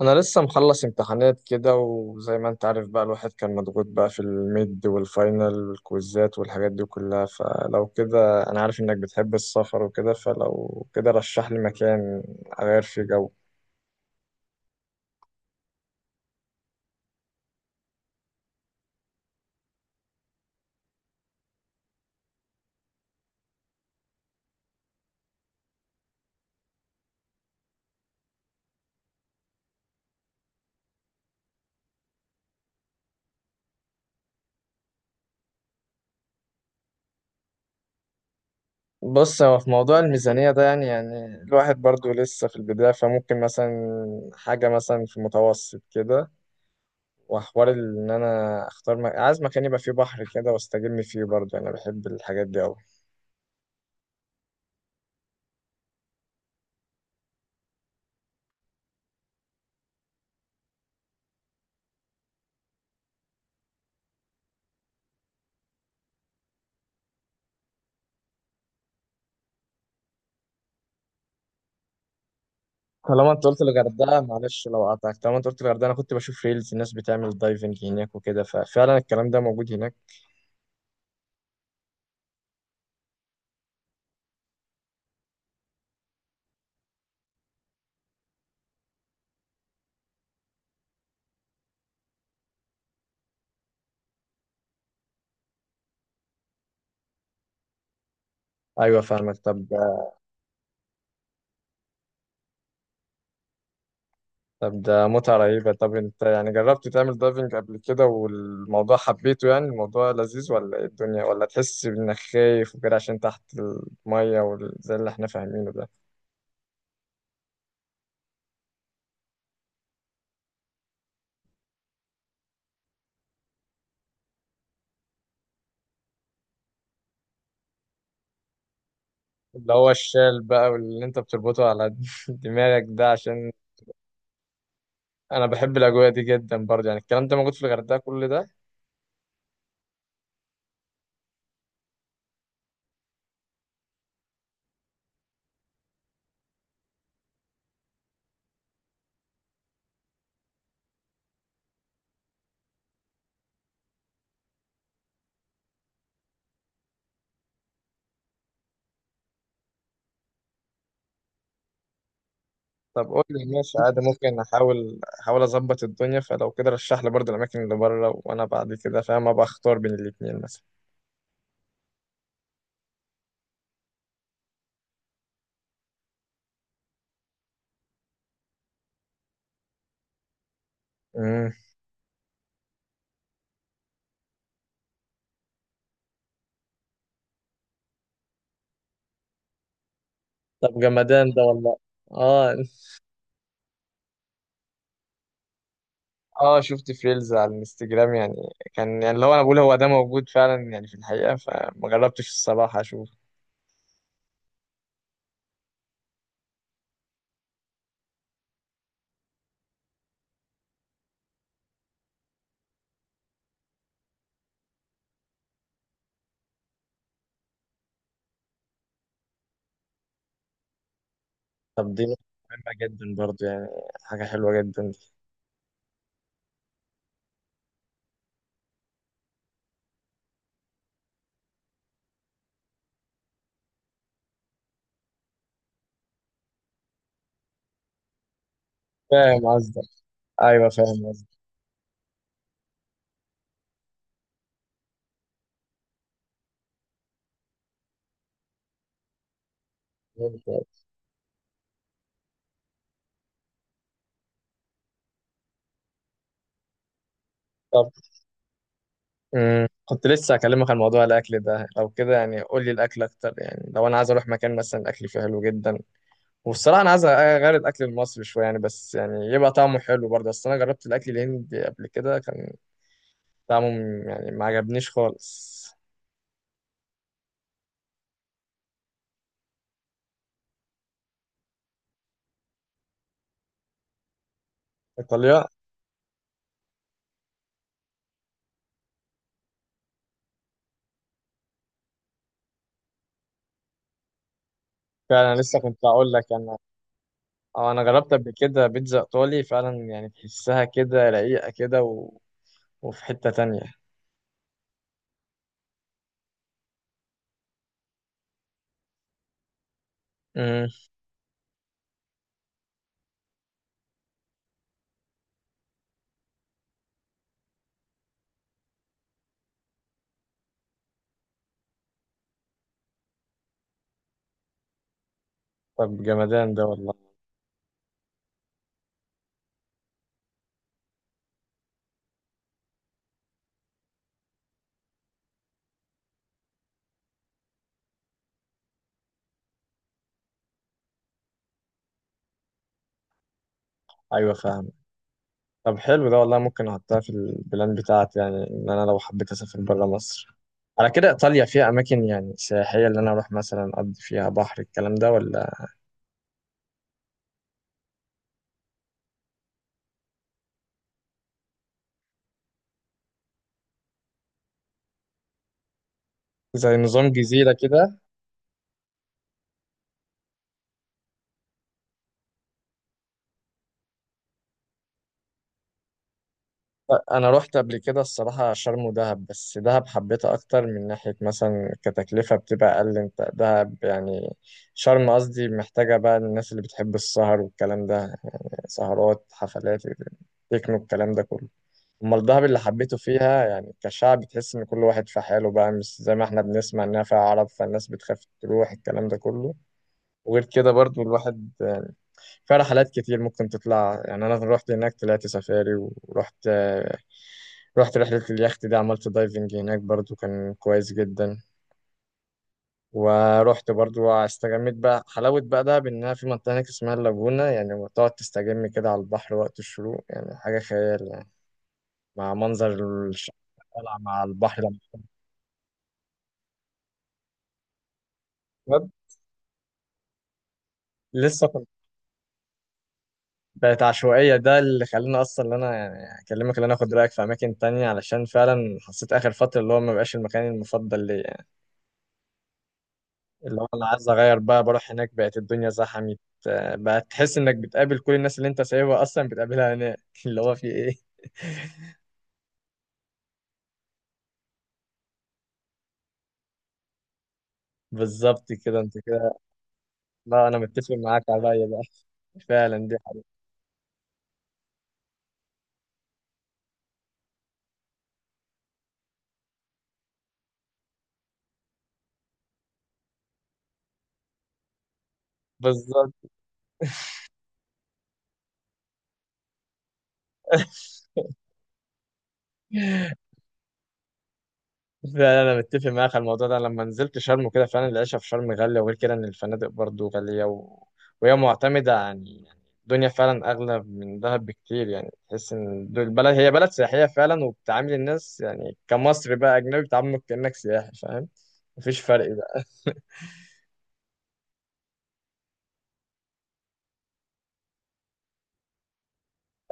انا لسه مخلص امتحانات كده، وزي ما انت عارف بقى الواحد كان مضغوط بقى في الميد والفاينل والكويزات والحاجات دي كلها. فلو كده انا عارف انك بتحب السفر وكده، فلو كده رشح لي مكان اغير فيه جو. بص، هو في موضوع الميزانية ده يعني الواحد برضو لسه في البداية، فممكن مثلا حاجة مثلا في متوسط كده. وحوار ان انا اختار عايز مكان يبقى فيه بحر كده واستجم فيه، برضو انا بحب الحاجات دي أوي. طالما انت قلت الغردقه، معلش لو قطعتك، طالما انت قلت الغردقه انا كنت بشوف ريلز الناس بتعمل دايفنج هناك وكده، ففعلا الكلام ده موجود هناك. ايوه فاهمك. طب ده متعه رهيبه. طب انت يعني جربت تعمل دايفنج قبل كده والموضوع حبيته؟ يعني الموضوع لذيذ ولا ايه الدنيا، ولا تحس انك خايف وكده عشان تحت الميه زي اللي احنا فاهمينه ده؟ اللي هو الشال بقى واللي انت بتربطه على دماغك ده، عشان انا بحب الاجواء دي جدا برضه. يعني الكلام ده موجود في الغردقه كل ده؟ طب قول لي. ماشي عادي، ممكن احاول اظبط الدنيا، فلو كده رشح لي برضه الاماكن اللي بره، وانا بعد كده فاهم ابقى اختار بين الاتنين مثلا. امم. طب جمدان ده والله. اه. اه، شفت في ريلز على الانستجرام يعني. كان يعني اللي هو انا بقول هو ده موجود فعلا يعني في الحقيقة، فما جربتش الصراحة اشوف. طب دي نقطة مهمة جدا برضه، يعني حاجة حلوة جدا. فاهم قصدك. ايوه فاهم قصدك. ممتاز. طب، امم، كنت لسه هكلمك عن موضوع الاكل ده. لو كده يعني قول لي الاكل اكتر، يعني لو انا عايز اروح مكان مثلا الاكل فيه حلو جدا. والصراحه انا عايز اغير الاكل المصري شويه، يعني بس يعني يبقى طعمه حلو برضه، اصل انا جربت الاكل الهندي قبل كده كان طعمه يعني ما عجبنيش خالص. ايطاليا. فعلا لسه كنت هقول لك انا. اه، انا جربت قبل كده بيتزا ايطالي فعلا، يعني تحسها كده رقيقه كده وفي حته تانية. امم. طب جمدان ده والله. ايوه فاهم. طب حلو ده والله، ممكن احطها في البلان بتاعتي، يعني ان انا لو حبيت اسافر بره مصر. على كده ايطاليا فيها اماكن يعني سياحيه اللي انا اروح مثلا اقضي فيها بحر الكلام ده ولا؟ زي نظام جزيره كده؟ انا رحت قبل كده الصراحه شرم ودهب، بس دهب حبيتها اكتر من ناحيه مثلا كتكلفه بتبقى اقل. انت دهب يعني، شرم قصدي، محتاجه بقى الناس اللي بتحب السهر والكلام ده، سهرات، حفلات، تكنو، الكلام ده كله. امال دهب اللي حبيته فيها يعني كشعب، تحس ان كل واحد في حاله بقى، مش زي ما احنا بنسمع انها فيها عرب، فالناس بتخاف تروح الكلام ده كله. وغير كده برضو الواحد يعني فيها رحلات كتير ممكن تطلع. يعني انا رحت هناك، طلعت سفاري، ورحت رحت رحلة اليخت دي، عملت دايفنج هناك برضو، كان كويس جدا. ورحت برضو استجميت بقى، حلاوة بقى ده بانها في منطقة هناك اسمها اللاجونة، يعني تقعد تستجم كده على البحر وقت الشروق، يعني حاجة خيال يعني، مع منظر الشمس طالعة مع البحر. لما لسه كنت بقت عشوائية، ده اللي خلاني أصلا إن أنا يعني أكلمك إن أنا آخد رأيك في أماكن تانية، علشان فعلا حسيت آخر فترة اللي هو ما بقاش المكان المفضل ليا يعني. اللي هو أنا عايز أغير بقى، بروح هناك بقت الدنيا زحمت. آه، بقت تحس إنك بتقابل كل الناس اللي أنت سايبها أصلا بتقابلها هناك اللي هو في إيه بالظبط كده أنت كده. لا أنا متفق معاك على الرأي ده. فعلا دي حاجة. بالظبط. فعلا انا متفق معاك على الموضوع ده. لما نزلت شرم وكده فعلا العيشه في شرم غاليه، وغير كده ان الفنادق برضو غاليه وهي معتمده يعني. يعني الدنيا فعلا اغلى من دهب بكتير، يعني تحس ان البلد هي بلد سياحيه فعلا، وبتعامل الناس يعني كمصري بقى اجنبي بتعاملك كانك سياحي، فاهم؟ مفيش فرق بقى.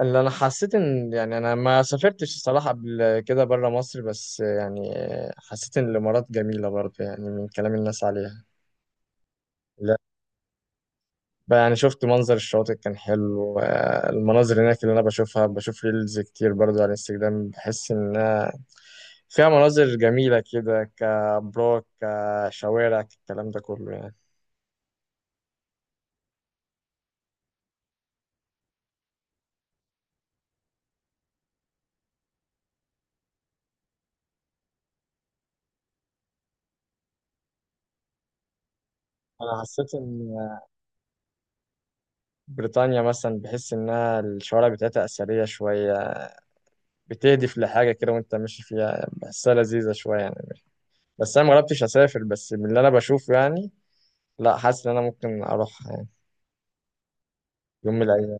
اللي انا حسيت ان يعني انا ما سافرتش الصراحه قبل كده بره مصر، بس يعني حسيت ان الامارات جميله برضه، يعني من كلام الناس عليها. بقى يعني شفت منظر الشواطئ كان حلو، آه، المناظر هناك اللي انا بشوفها، بشوف ريلز كتير برضو على انستجرام، بحس انها فيها مناظر جميلة كده كبراك كشوارع الكلام ده كله يعني. انا حسيت ان بريطانيا مثلا بحس انها الشوارع بتاعتها اثرية شوية، بتهدف لحاجة كده وانت ماشي فيها، بحسها لذيذة شوية يعني. بس انا مجربتش اسافر، بس من اللي انا بشوفه يعني، لا حاسس ان انا ممكن اروح يعني يوم من الايام.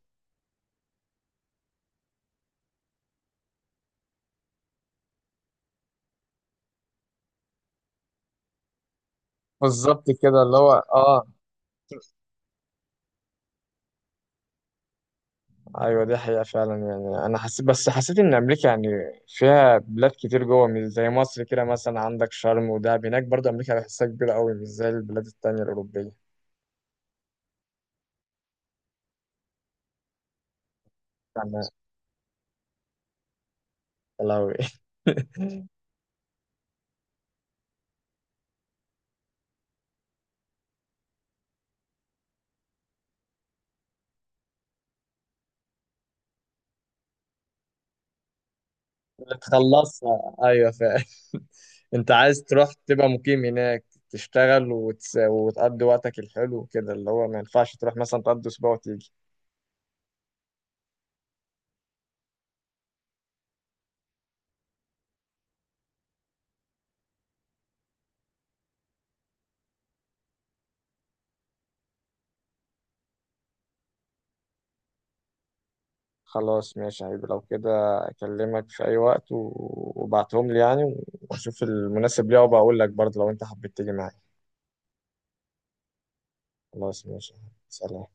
بالظبط كده اللي هو اه. ايوه دي حقيقة فعلا. يعني انا حسيت، بس حسيت ان امريكا يعني فيها بلاد كتير جوه، مش زي مصر كده مثلا عندك شرم ودهب، هناك برضه امريكا بحسها كبيرة قوي، مش زي البلاد التانية الاوروبية يعني. يا لهوي. بتخلصها ايوه فعلا انت عايز تروح تبقى مقيم هناك، تشتغل وتقضي وقتك الحلو كده، اللي هو ما ينفعش تروح مثلا تقضي اسبوع وتيجي. خلاص ماشي يا حبيبي. لو كده اكلمك في اي وقت وابعتهم لي يعني، واشوف المناسب ليا، وبقول لك برضه لو انت حبيت تيجي معايا. خلاص ماشي يا حبيبي. سلام.